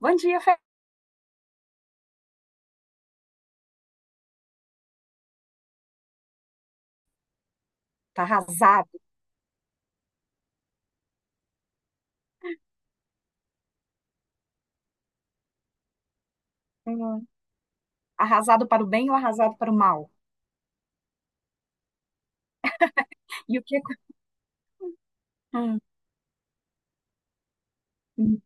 Bom dia, Fê. Tá arrasado. Hum. Arrasado para o bem ou arrasado para o mal? E o que... hum, hum.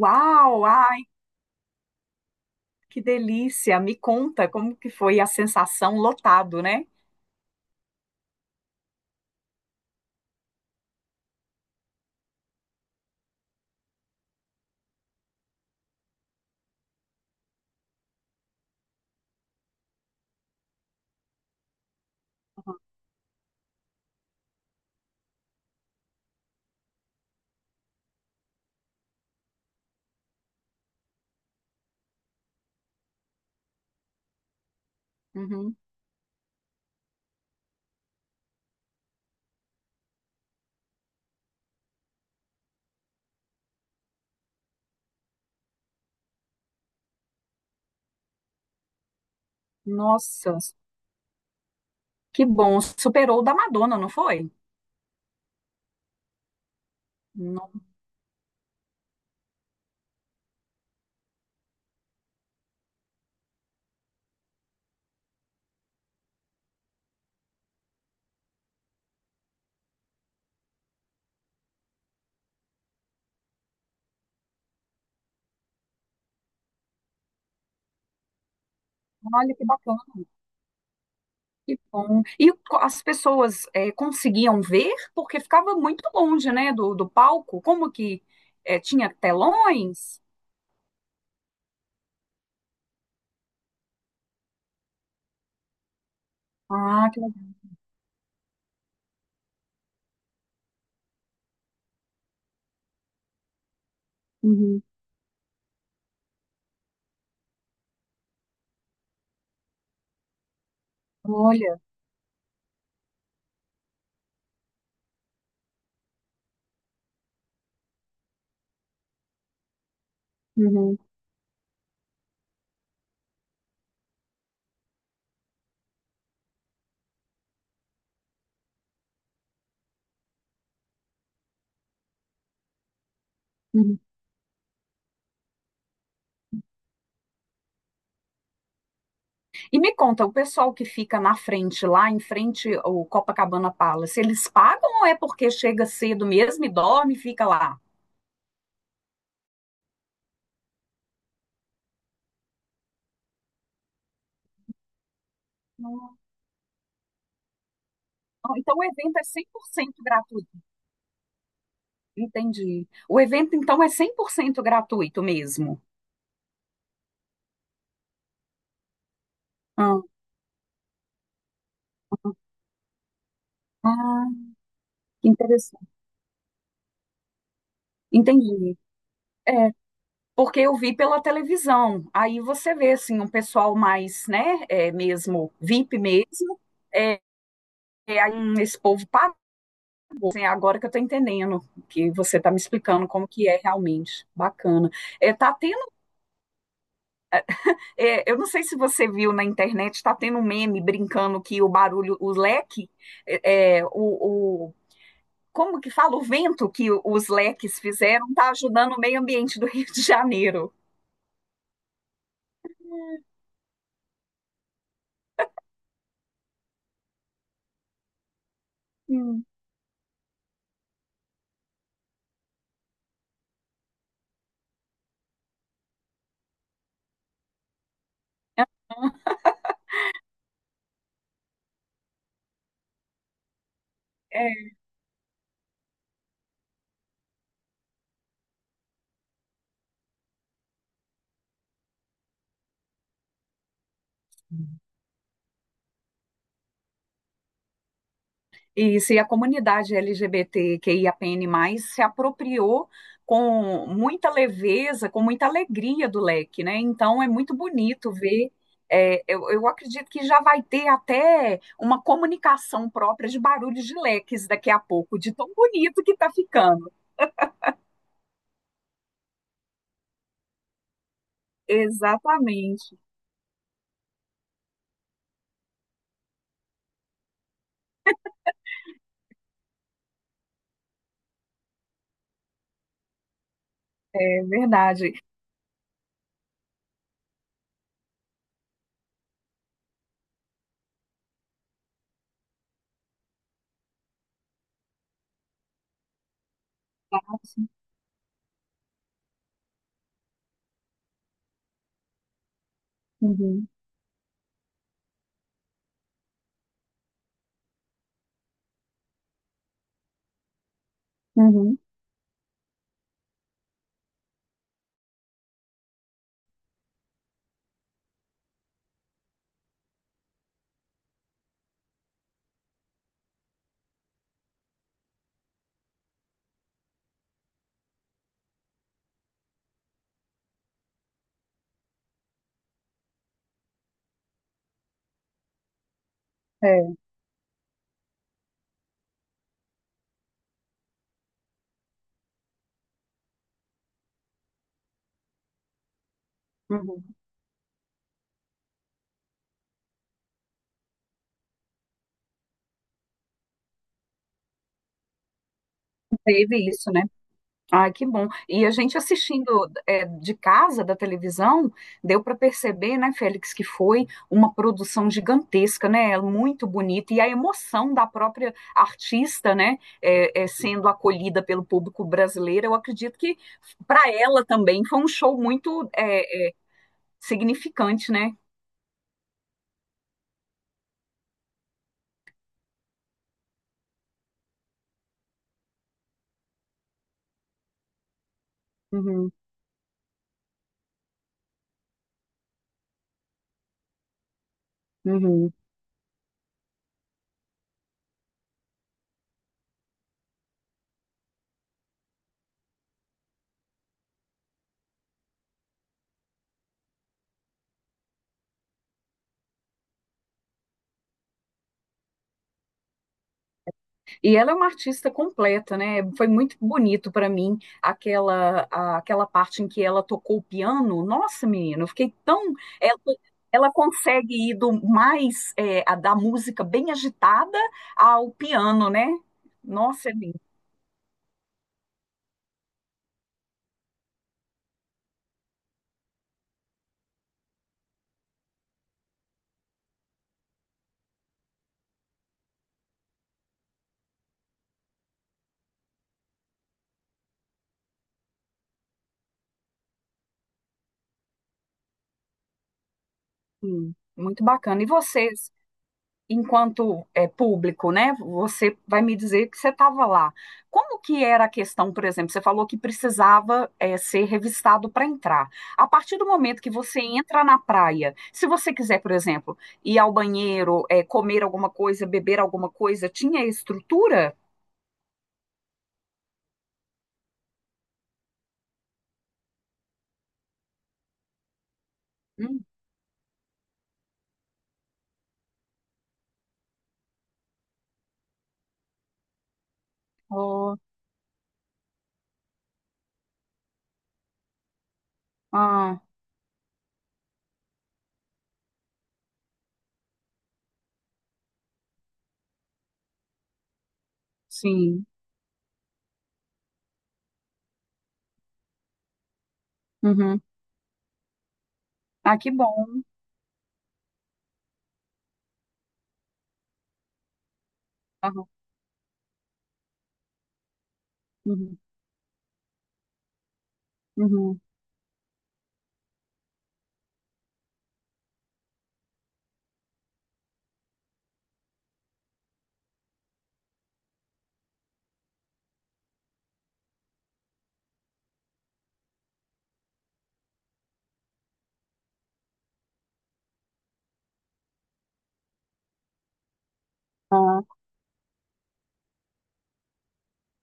Uau, ai, que delícia. Me conta como que foi a sensação, lotado, né? Uhum. Nossa, que bom. Superou o da Madonna, não foi? No- Olha que bacana, que bom. As pessoas conseguiam ver porque ficava muito longe, né, do palco? Como que tinha telões? Ah, que legal. Uhum. Olha. Uhum. Uhum. E me conta, o pessoal que fica na frente, lá em frente ao Copacabana Palace, eles pagam ou é porque chega cedo mesmo e dorme e fica lá? Não. Então o evento é 100% gratuito. Entendi. O evento então é 100% gratuito mesmo. Ah, ah, que interessante. Entendi. É, porque eu vi pela televisão. Aí você vê assim um pessoal mais, né, é, mesmo VIP mesmo. É, é, aí esse povo... Assim, agora que eu estou entendendo, que você está me explicando como que é realmente. Bacana. É, tá tendo, eu não sei se você viu na internet, está tendo um meme brincando que o barulho, o leque, é, é, o, o- como que fala? O vento que os leques fizeram está ajudando o meio ambiente do Rio de Janeiro. Hum, é. Isso, e a comunidade LGBTQIAPN+ se apropriou com muita leveza, com muita alegria do leque, né? Então é muito bonito ver. Eu acredito que já vai ter até uma comunicação própria de barulhos de leques daqui a pouco, de tão bonito que está ficando. Exatamente, é verdade. Uhum, uhum, é, uhum. Teve isso, né? Ai, que bom. E a gente assistindo de casa, da televisão, deu para perceber, né, Félix, que foi uma produção gigantesca, né? É muito bonita. E a emoção da própria artista, né, sendo acolhida pelo público brasileiro, eu acredito que para ela também foi um show muito significante, né? Uhum, uhum. E ela é uma artista completa, né? Foi muito bonito para mim aquela aquela parte em que ela tocou o piano. Nossa, menina, eu fiquei tão... Ela, Ela consegue ir do mais a da música bem agitada ao piano, né? Nossa, é lindo. Sim, muito bacana. E você? Enquanto público, né? Você vai me dizer que você estava lá. Como que era a questão, por exemplo? Você falou que precisava ser revistado para entrar. A partir do momento que você entra na praia, se você quiser, por exemplo, ir ao banheiro, comer alguma coisa, beber alguma coisa, tinha estrutura? Hum, oh, ah, sim. Uhum. Ah, que bom. Aham, uhum, uhum.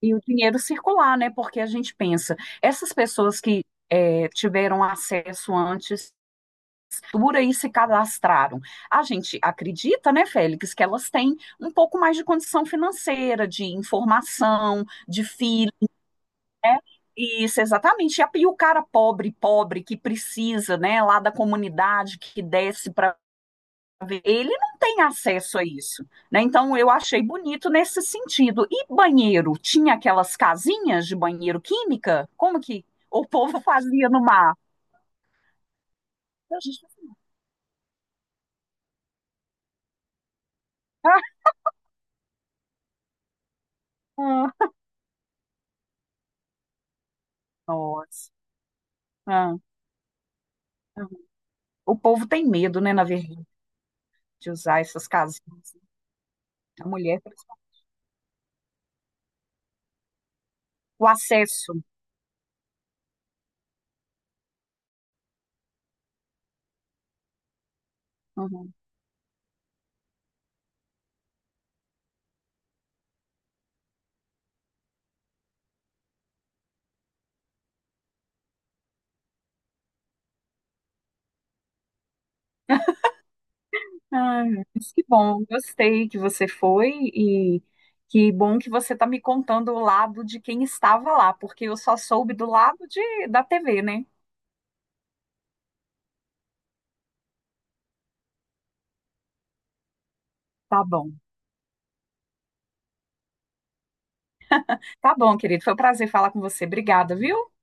E o dinheiro circular, né? Porque a gente pensa, essas pessoas que tiveram acesso antes, por aí se cadastraram. A gente acredita, né, Félix, que elas têm um pouco mais de condição financeira, de informação, de filho, né? Isso, exatamente. E o cara pobre, pobre, que precisa, né, lá da comunidade, que desce para... Ele não tem acesso a isso, né? Então eu achei bonito nesse sentido. E banheiro, tinha aquelas casinhas de banheiro química? Como que o povo fazia no mar? A gente- Ah, nossa. Ah, ah. O povo tem medo, né, na verdade, de usar essas casinhas. A mulher, o acesso. Uhum. Ai, mas que bom, gostei que você foi, e que bom que você está me contando o lado de quem estava lá, porque eu só soube do lado de, da TV, né? Tá bom. Tá bom, querido. Foi um prazer falar com você. Obrigada, viu?